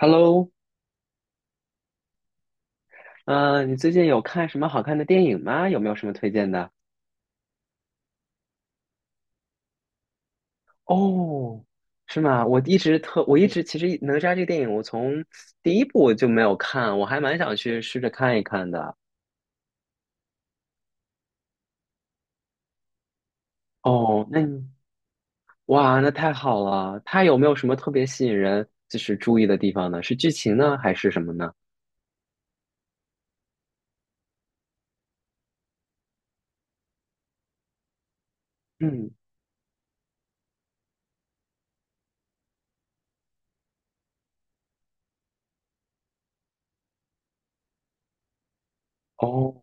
Hello，你最近有看什么好看的电影吗？有没有什么推荐的？哦，是吗？我一直其实《哪吒》这个电影，我从第一部我就没有看，我还蛮想去试着看一看的。哦，那你，哇，那太好了！它有没有什么特别吸引人，就是注意的地方呢？是剧情呢，还是什么呢？嗯，哦，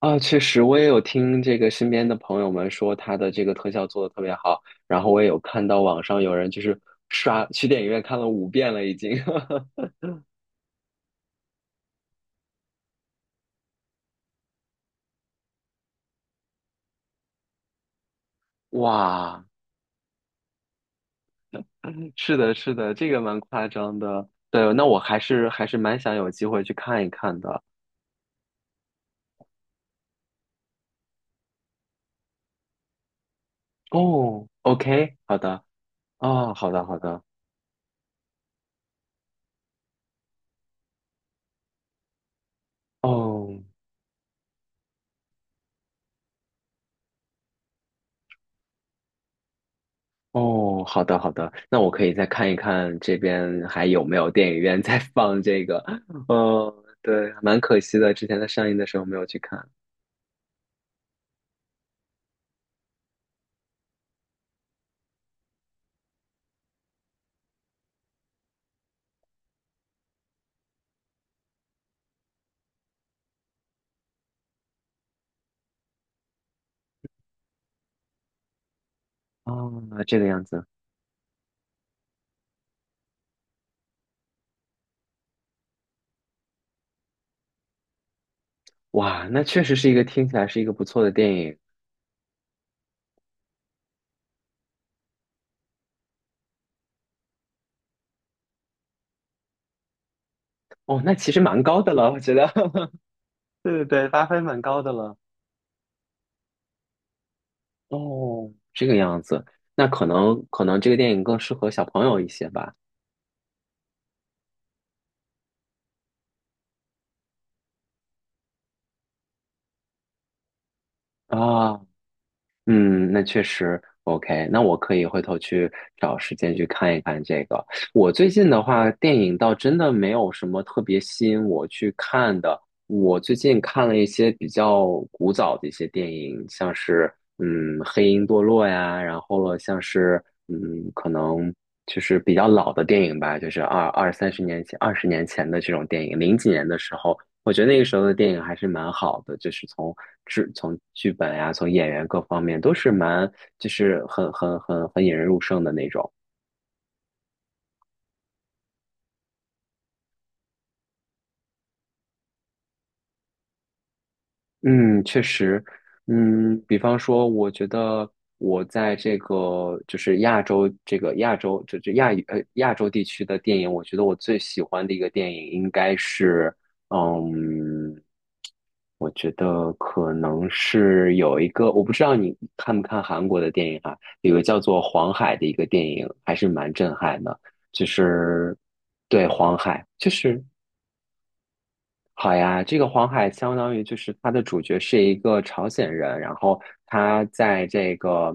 啊，确实，我也有听这个身边的朋友们说他的这个特效做的特别好，然后我也有看到网上有人就是刷去电影院看了五遍了已经。哇，是的，是的，这个蛮夸张的。对，那我还是蛮想有机会去看一看的。哦，OK，好的，哦，好的，好的，哦。哦，好的好的，那我可以再看一看这边还有没有电影院在放这个。哦，对，蛮可惜的，之前在上映的时候没有去看。哦，这个样子，哇，那确实是一个听起来是一个不错的电影。哦，那其实蛮高的了，我觉得。对对对，8分蛮高的了。哦，这个样子，那可能这个电影更适合小朋友一些吧。啊、嗯，那确实 OK。那我可以回头去找时间去看一看这个。我最近的话，电影倒真的没有什么特别吸引我去看的。我最近看了一些比较古早的一些电影，像是《黑鹰堕落》呀，然后了像是嗯可能就是比较老的电影吧，就是二三十年前、20年前的这种电影，零几年的时候。我觉得那个时候的电影还是蛮好的，就是从制、从剧本呀、从演员各方面都是蛮，就是很引人入胜的那种。嗯，确实，嗯，比方说，我觉得我在这个就是亚洲这个亚洲这这亚语呃亚洲地区的电影，我觉得我最喜欢的一个电影应该是，嗯，我觉得可能是有一个，我不知道你看不看韩国的电影啊，有个叫做《黄海》的一个电影，还是蛮震撼的，就是对黄海，就是。好呀，这个黄海相当于就是它的主角是一个朝鲜人，然后他在这个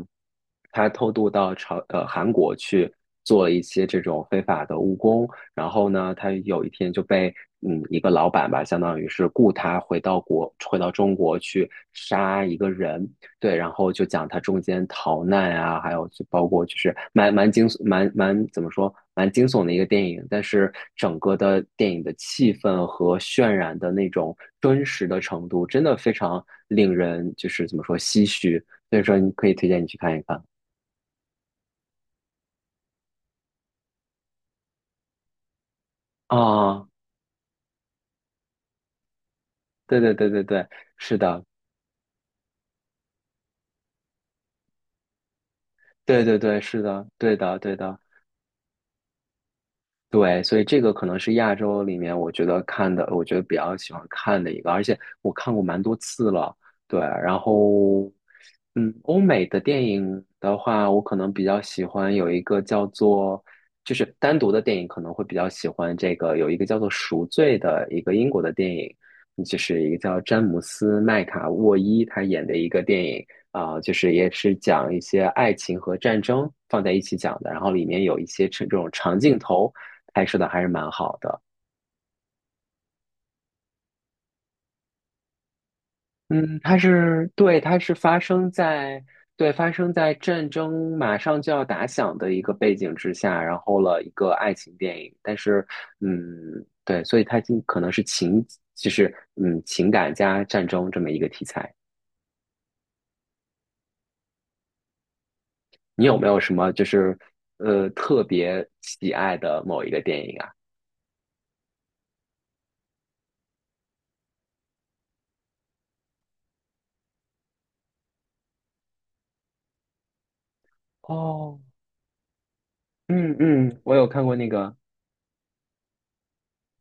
他偷渡到韩国去做了一些这种非法的务工，然后呢，他有一天就被一个老板吧，相当于是雇他回到中国去杀一个人，对，然后就讲他中间逃难啊，还有就包括就是蛮蛮惊蛮蛮怎么说蛮惊悚的一个电影，但是整个的电影的气氛和渲染的那种真实的程度，真的非常令人就是怎么说唏嘘，所以说你可以推荐你去看一看啊，对对对对对，是的，对对对是的，对的对的。对，所以这个可能是亚洲里面我觉得看的，我觉得比较喜欢看的一个，而且我看过蛮多次了。对，然后，嗯，欧美的电影的话，我可能比较喜欢有一个叫做，就是单独的电影可能会比较喜欢这个，有一个叫做《赎罪》的一个英国的电影，嗯就是一个叫詹姆斯麦卡沃伊他演的一个电影。啊、就是也是讲一些爱情和战争放在一起讲的，然后里面有一些这种长镜头，拍摄的还是蛮好的。嗯，它是对，它是发生在对发生在战争马上就要打响的一个背景之下，然后了一个爱情电影。但是，嗯，对，所以它就可能是情，就是情感加战争这么一个题材。你有没有什么就是特别喜爱的某一个电影啊？哦，嗯嗯，我有看过那个，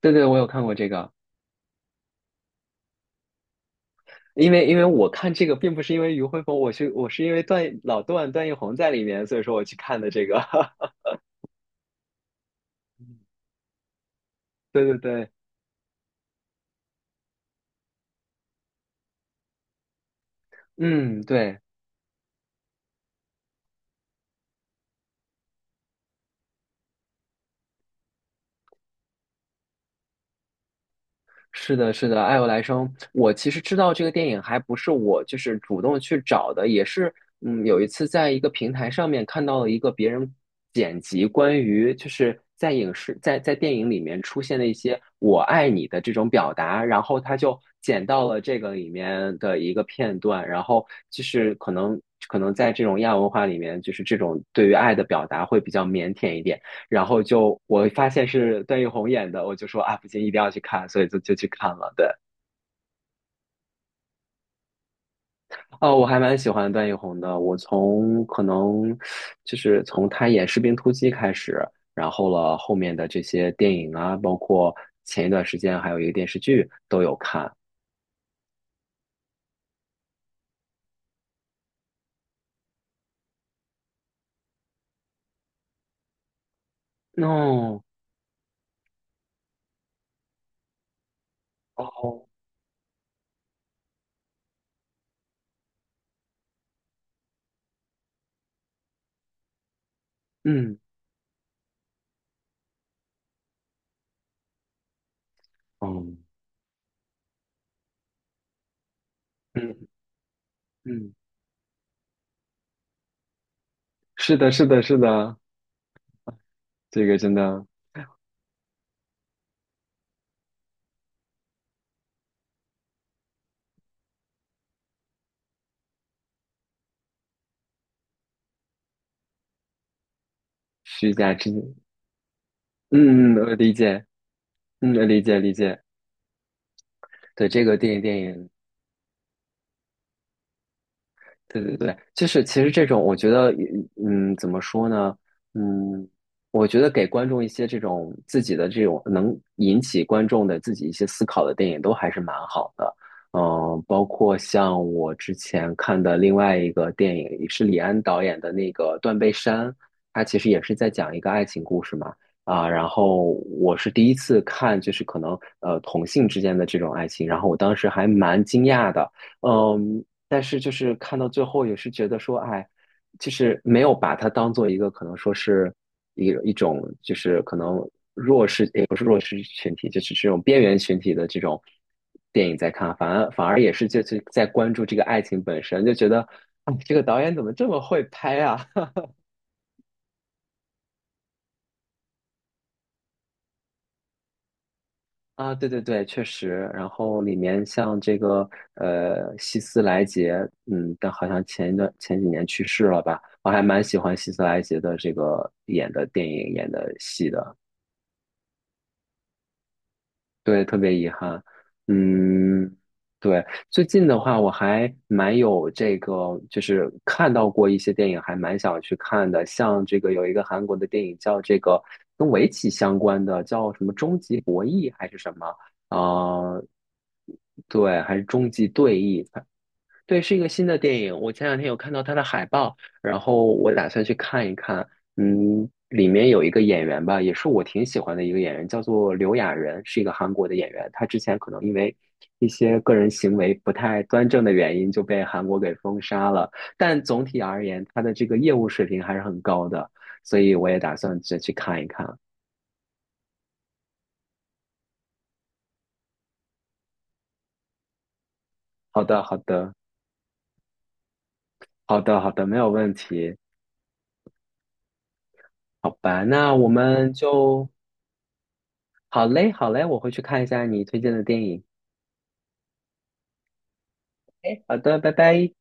对对，我有看过这个。因为因为我看这个并不是因为于辉鹏，我是因为段老段段奕宏在里面，所以说我去看的这个。对对对，嗯，对。是的，是的，《爱有来生》，我其实知道这个电影还不是我就是主动去找的，也是有一次在一个平台上面看到了一个别人剪辑关于就是在电影里面出现的一些"我爱你"的这种表达，然后他就剪到了这个里面的一个片段，然后就是可能在这种亚文化里面，就是这种对于爱的表达会比较腼腆一点。然后就我发现是段奕宏演的，我就说啊，不行，一定要去看，所以就去看了。对，哦，我还蛮喜欢段奕宏的，我从可能就是从他演《士兵突击》开始，然后了后面的这些电影啊，包括前一段时间还有一个电视剧都有看。哦，哦，嗯，哦，嗯嗯，是的，是的，是的，这个真的虚假之，嗯嗯，我理解，嗯，理解理解。对，这个电影电影对对对，就是其实这种，我觉得，嗯，怎么说呢？嗯，我觉得给观众一些这种自己的这种能引起观众的自己一些思考的电影，都还是蛮好的。嗯，包括像我之前看的另外一个电影，也是李安导演的那个《断背山》，他其实也是在讲一个爱情故事嘛。啊，然后我是第一次看，就是可能同性之间的这种爱情，然后我当时还蛮惊讶的。嗯，但是就是看到最后也是觉得说，哎，就是没有把它当做一个可能说是一种就是可能弱势也不是弱势群体，就是这种边缘群体的这种电影在看，反而也是就是在关注这个爱情本身，就觉得啊，哎这个导演怎么这么会拍啊？啊，对对对，确实。然后里面像这个希斯莱杰，嗯，但好像前一段前几年去世了吧？我还蛮喜欢希斯莱杰的这个演的电影、演的戏的。对，特别遗憾。嗯，对，最近的话，我还蛮有这个，就是看到过一些电影，还蛮想去看的。像这个有一个韩国的电影叫这个跟围棋相关的，叫什么《终极博弈》还是什么？啊，对，还是《终极对弈》，对，是一个新的电影。我前两天有看到它的海报，然后我打算去看一看。嗯，里面有一个演员吧，也是我挺喜欢的一个演员，叫做刘亚仁，是一个韩国的演员。他之前可能因为一些个人行为不太端正的原因，就被韩国给封杀了。但总体而言，他的这个业务水平还是很高的，所以我也打算再去看一看。好的，好的，好的，好的，没有问题。好吧，那我们就好嘞，好嘞，我会去看一下你推荐的电影。哎，好的，拜拜。